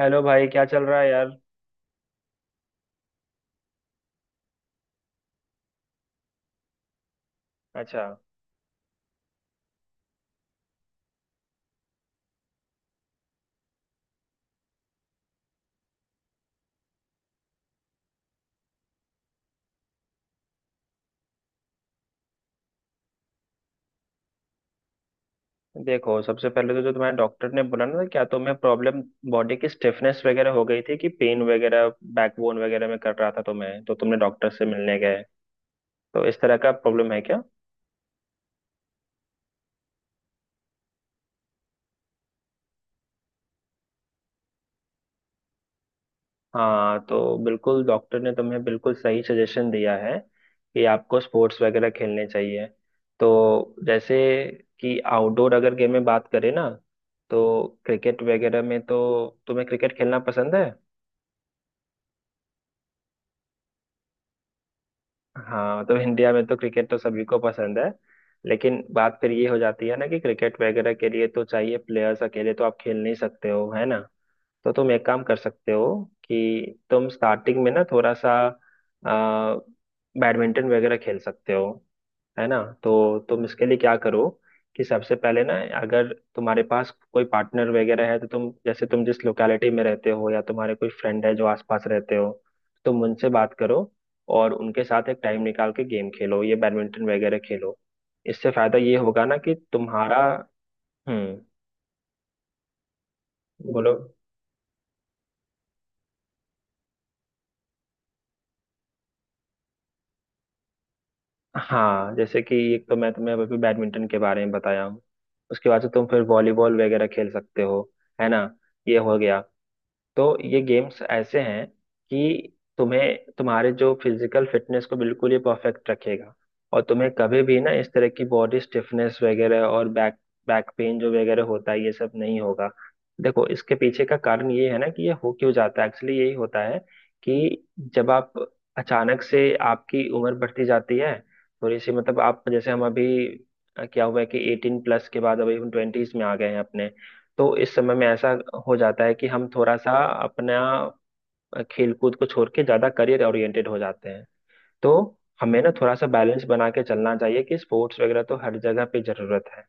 Hello भाई, क्या चल रहा है यार? अच्छा। देखो, सबसे पहले तो जो तुम्हारे डॉक्टर ने बोला ना, क्या तुम्हें प्रॉब्लम बॉडी की स्टिफनेस वगैरह हो गई थी कि पेन वगैरह बैकबोन वगैरह में कर रहा था तुम्हें, तो तुमने डॉक्टर से मिलने गए, तो इस तरह का प्रॉब्लम है क्या? हाँ तो बिल्कुल डॉक्टर ने तुम्हें बिल्कुल सही सजेशन दिया है कि आपको स्पोर्ट्स वगैरह खेलने चाहिए। तो जैसे कि आउटडोर अगर गेम में बात करें ना, तो क्रिकेट वगैरह में, तो तुम्हें क्रिकेट खेलना पसंद है। हाँ मतलब इंडिया में तो क्रिकेट तो सभी को पसंद है। लेकिन बात फिर ये हो जाती है ना कि क्रिकेट वगैरह के लिए तो चाहिए प्लेयर्स, अकेले तो आप खेल नहीं सकते हो, है ना। तो तुम एक काम कर सकते हो कि तुम स्टार्टिंग में ना थोड़ा सा आ, बैडमिंटन वगैरह खेल सकते हो। है ना। तो तुम इसके लिए क्या करो कि सबसे पहले ना अगर तुम्हारे पास कोई पार्टनर वगैरह है तो तुम जैसे तुम जिस लोकेलिटी में रहते हो या तुम्हारे कोई फ्रेंड है जो आसपास रहते हो, तुम उनसे बात करो और उनके साथ एक टाइम निकाल के गेम खेलो, ये बैडमिंटन वगैरह खेलो। इससे फायदा ये होगा ना कि तुम्हारा। हम्म। बोलो। हाँ, जैसे कि एक तो मैं तुम्हें अभी बैडमिंटन के बारे में बताया हूँ। उसके बाद से तुम फिर वॉलीबॉल वगैरह खेल सकते हो, है ना। ये हो गया। तो ये गेम्स ऐसे हैं कि तुम्हें तुम्हारे जो फिजिकल फिटनेस को बिल्कुल ये परफेक्ट रखेगा, और तुम्हें कभी भी ना इस तरह की बॉडी स्टिफनेस वगैरह और बैक बैक पेन जो वगैरह होता है ये सब नहीं होगा। देखो, इसके पीछे का कारण ये है ना कि ये हो क्यों जाता है, एक्चुअली यही होता है कि जब आप अचानक से आपकी उम्र बढ़ती जाती है, थोड़ी सी मतलब, आप जैसे हम अभी क्या हुआ है कि 18+ के बाद अभी हम 20s में आ गए हैं अपने। तो इस समय में ऐसा हो जाता है कि हम थोड़ा सा अपना खेलकूद को छोड़ के ज्यादा करियर ओरिएंटेड हो जाते हैं। तो हमें ना थोड़ा सा बैलेंस बना के चलना चाहिए कि स्पोर्ट्स वगैरह तो हर जगह पे जरूरत है।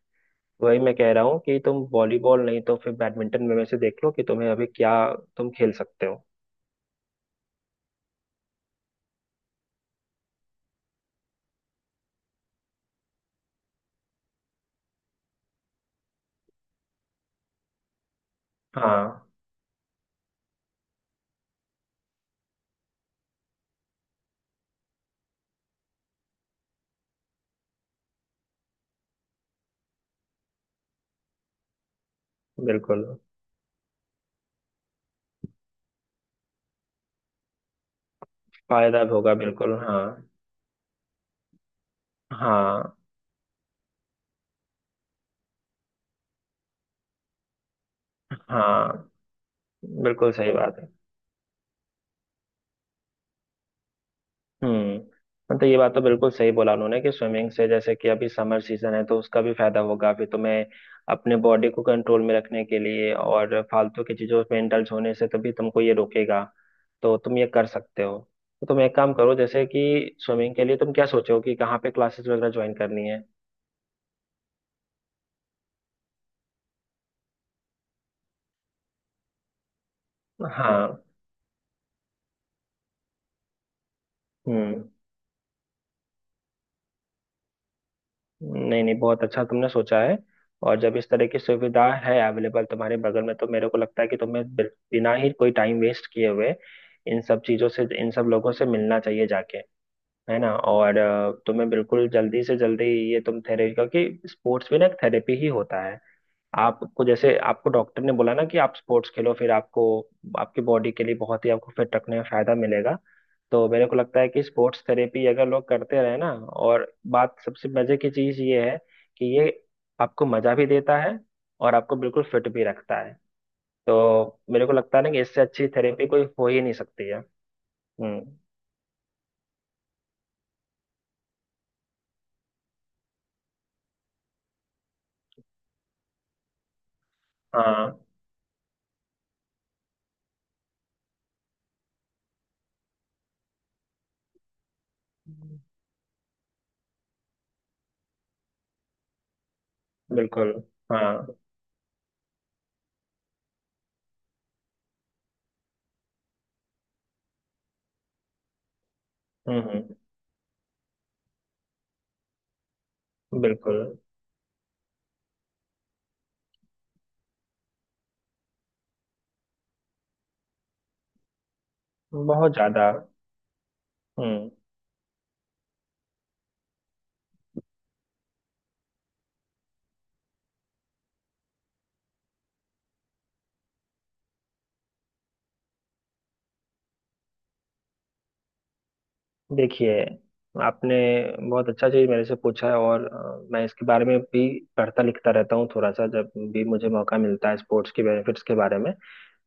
वही मैं कह रहा हूँ कि तुम वॉलीबॉल नहीं तो फिर बैडमिंटन में से देख लो कि तुम्हें अभी क्या, तुम खेल सकते हो। हाँ। बिल्कुल। फायदा भी होगा, बिल्कुल हाँ। हाँ। हाँ, बिल्कुल सही बात है। हम्म। मतलब ये बात तो बिल्कुल सही बोला उन्होंने कि स्विमिंग से, जैसे कि अभी समर सीजन है तो उसका भी फायदा होगा अभी तुम्हें, अपने बॉडी को कंट्रोल में रखने के लिए और फालतू की चीजों में इंडल्ज होने से तभी तुमको ये रोकेगा। तो तुम ये कर सकते हो। तो तुम एक काम करो, जैसे कि स्विमिंग के लिए तुम क्या सोचो कि कहाँ पे क्लासेस वगैरह ज्वाइन करनी है। हाँ। हम्म। नहीं नहीं, बहुत अच्छा तुमने सोचा है। और जब इस तरह की सुविधा है अवेलेबल तुम्हारे बगल में, तो मेरे को लगता है कि तुम्हें बिना ही कोई टाइम वेस्ट किए हुए इन सब चीजों से, इन सब लोगों से मिलना चाहिए जाके। है ना। और तुम्हें बिल्कुल जल्दी से जल्दी ये तुम थेरेपी, क्योंकि स्पोर्ट्स भी ना एक थेरेपी ही होता है। आपको जैसे आपको डॉक्टर ने बोला ना कि आप स्पोर्ट्स खेलो, फिर आपको आपकी बॉडी के लिए बहुत ही आपको फिट रखने में फायदा मिलेगा। तो मेरे को लगता है कि स्पोर्ट्स थेरेपी अगर लोग करते रहे ना, और बात सबसे मजे की चीज ये है कि ये आपको मजा भी देता है और आपको बिल्कुल फिट भी रखता है। तो मेरे को लगता है ना कि इससे अच्छी थेरेपी कोई हो ही नहीं सकती है। हम्म। हाँ, बिल्कुल। हाँ। हम्म हम्म, बिल्कुल। बहुत ज्यादा। हम्म। देखिए, आपने बहुत अच्छा चीज मेरे से पूछा है, और मैं इसके बारे में भी पढ़ता लिखता रहता हूँ थोड़ा सा, जब भी मुझे मौका मिलता है स्पोर्ट्स के बेनिफिट्स के बारे में।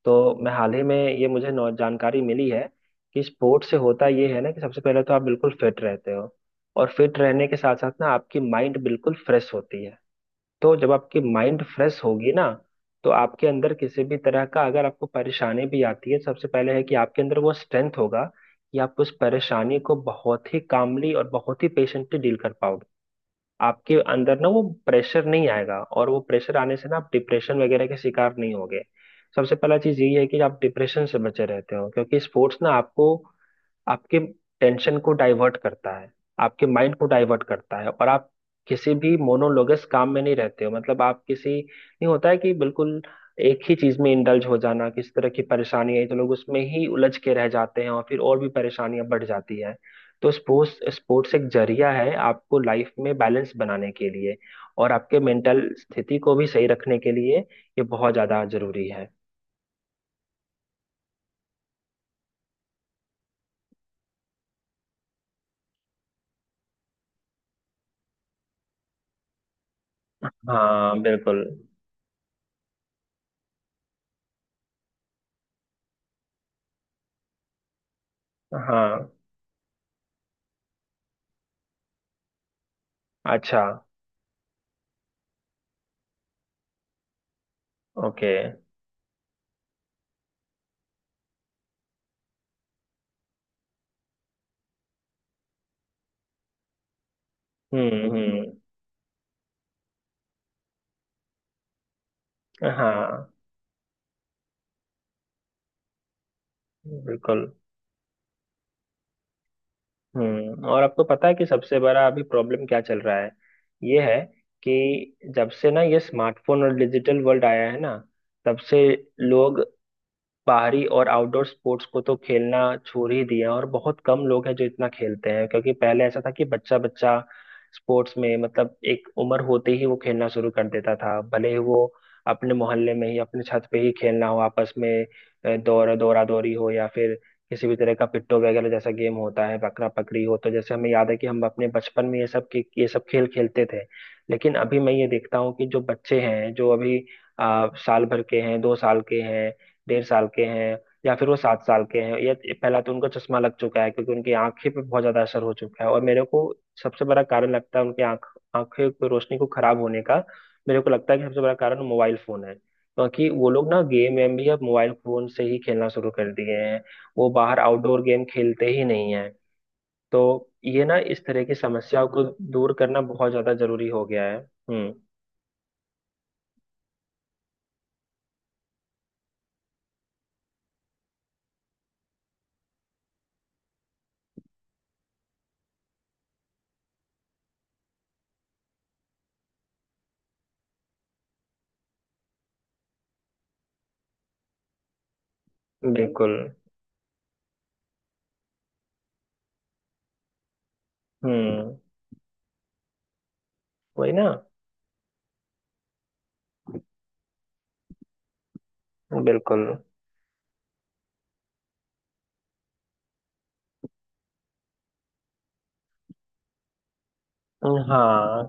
तो मैं हाल ही में ये मुझे जानकारी मिली है कि स्पोर्ट्स से होता ये है ना कि सबसे पहले तो आप बिल्कुल फिट रहते हो, और फिट रहने के साथ साथ ना आपकी माइंड बिल्कुल फ्रेश होती है। तो जब आपकी माइंड फ्रेश होगी ना, तो आपके अंदर किसी भी तरह का अगर आपको परेशानी भी आती है, सबसे पहले है कि आपके अंदर वो स्ट्रेंथ होगा कि आप उस परेशानी को बहुत ही कामली और बहुत ही पेशेंटली डील कर पाओगे। आपके अंदर ना वो प्रेशर नहीं आएगा, और वो प्रेशर आने से ना आप डिप्रेशन वगैरह के शिकार नहीं होगे। सबसे पहला चीज यही है कि आप डिप्रेशन से बचे रहते हो, क्योंकि स्पोर्ट्स ना आपको आपके टेंशन को डाइवर्ट करता है, आपके माइंड को डाइवर्ट करता है, और आप किसी भी मोनोलोगस काम में नहीं रहते हो। मतलब आप किसी, नहीं होता है कि बिल्कुल एक ही चीज में इंडल्ज हो जाना, किसी तरह की परेशानी है तो लोग उसमें ही उलझ के रह जाते हैं और फिर और भी परेशानियां बढ़ जाती हैं। तो स्पोर्ट्स स्पोर्ट्स एक जरिया है आपको लाइफ में बैलेंस बनाने के लिए, और आपके मेंटल स्थिति को भी सही रखने के लिए, ये बहुत ज्यादा जरूरी है। हाँ बिल्कुल। हाँ। अच्छा। ओके। हम्म। हम्म। हाँ। बिल्कुल। हम्म। और आपको पता है कि सबसे बड़ा अभी प्रॉब्लम क्या चल रहा है? ये है कि जब से ना ये स्मार्टफोन और डिजिटल वर्ल्ड आया है ना, तब से लोग बाहरी और आउटडोर स्पोर्ट्स को तो खेलना छोड़ ही दिया, और बहुत कम लोग हैं जो इतना खेलते हैं, क्योंकि पहले ऐसा था कि बच्चा बच्चा स्पोर्ट्स में, मतलब एक उम्र होते ही वो खेलना शुरू कर देता था, भले ही वो अपने मोहल्ले में ही, अपने छत पे ही खेलना हो आपस में। दौड़ दौरा दौरी हो या फिर किसी भी तरह का पिट्टो वगैरह जैसा गेम होता है, पकड़ा पकड़ी हो, तो जैसे हमें याद है कि हम अपने बचपन में ये सब ये सब खेल खेलते थे। लेकिन अभी मैं ये देखता हूँ कि जो बच्चे हैं जो अभी साल भर के हैं, 2 साल के हैं, 1.5 साल के हैं, या फिर वो 7 साल के हैं, या पहला तो उनका चश्मा लग चुका है, क्योंकि उनकी आंखें पे बहुत ज्यादा असर हो चुका है, और मेरे को सबसे बड़ा कारण लगता है उनकी आंखें की रोशनी को खराब होने का। मेरे को लगता है कि सबसे बड़ा कारण मोबाइल फोन है, क्योंकि वो लोग ना गेम वेम भी अब मोबाइल फोन से ही खेलना शुरू कर दिए हैं। वो बाहर आउटडोर गेम खेलते ही नहीं है। तो ये ना इस तरह की समस्याओं को दूर करना बहुत ज्यादा जरूरी हो गया है। हम्म। बिल्कुल। हम्म। वही ना। बिल्कुल। हाँ,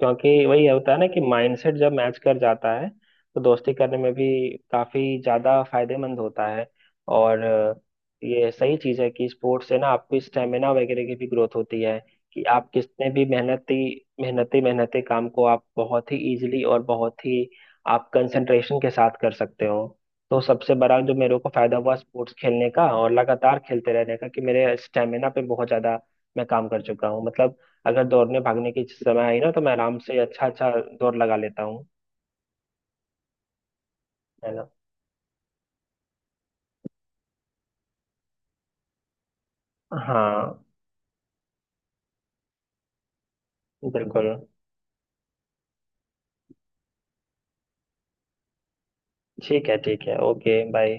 क्योंकि वही होता है ना कि माइंडसेट जब मैच कर जाता है, तो दोस्ती करने में भी काफी ज्यादा फायदेमंद होता है। और ये सही चीज है कि स्पोर्ट्स से ना आपकी स्टेमिना वगैरह की भी ग्रोथ होती है, कि आप कितने भी मेहनती मेहनती मेहनती काम को आप बहुत ही इजीली और बहुत ही आप कंसंट्रेशन के साथ कर सकते हो। तो सबसे बड़ा जो मेरे को फायदा हुआ स्पोर्ट्स खेलने का और लगातार खेलते रहने का, कि मेरे स्टेमिना पे बहुत ज्यादा मैं काम कर चुका हूँ, मतलब अगर दौड़ने भागने की समय आई ना, तो मैं आराम से अच्छा अच्छा दौड़ लगा लेता हूँ। है ना। हाँ बिल्कुल। ठीक है ठीक है। Okay, bye.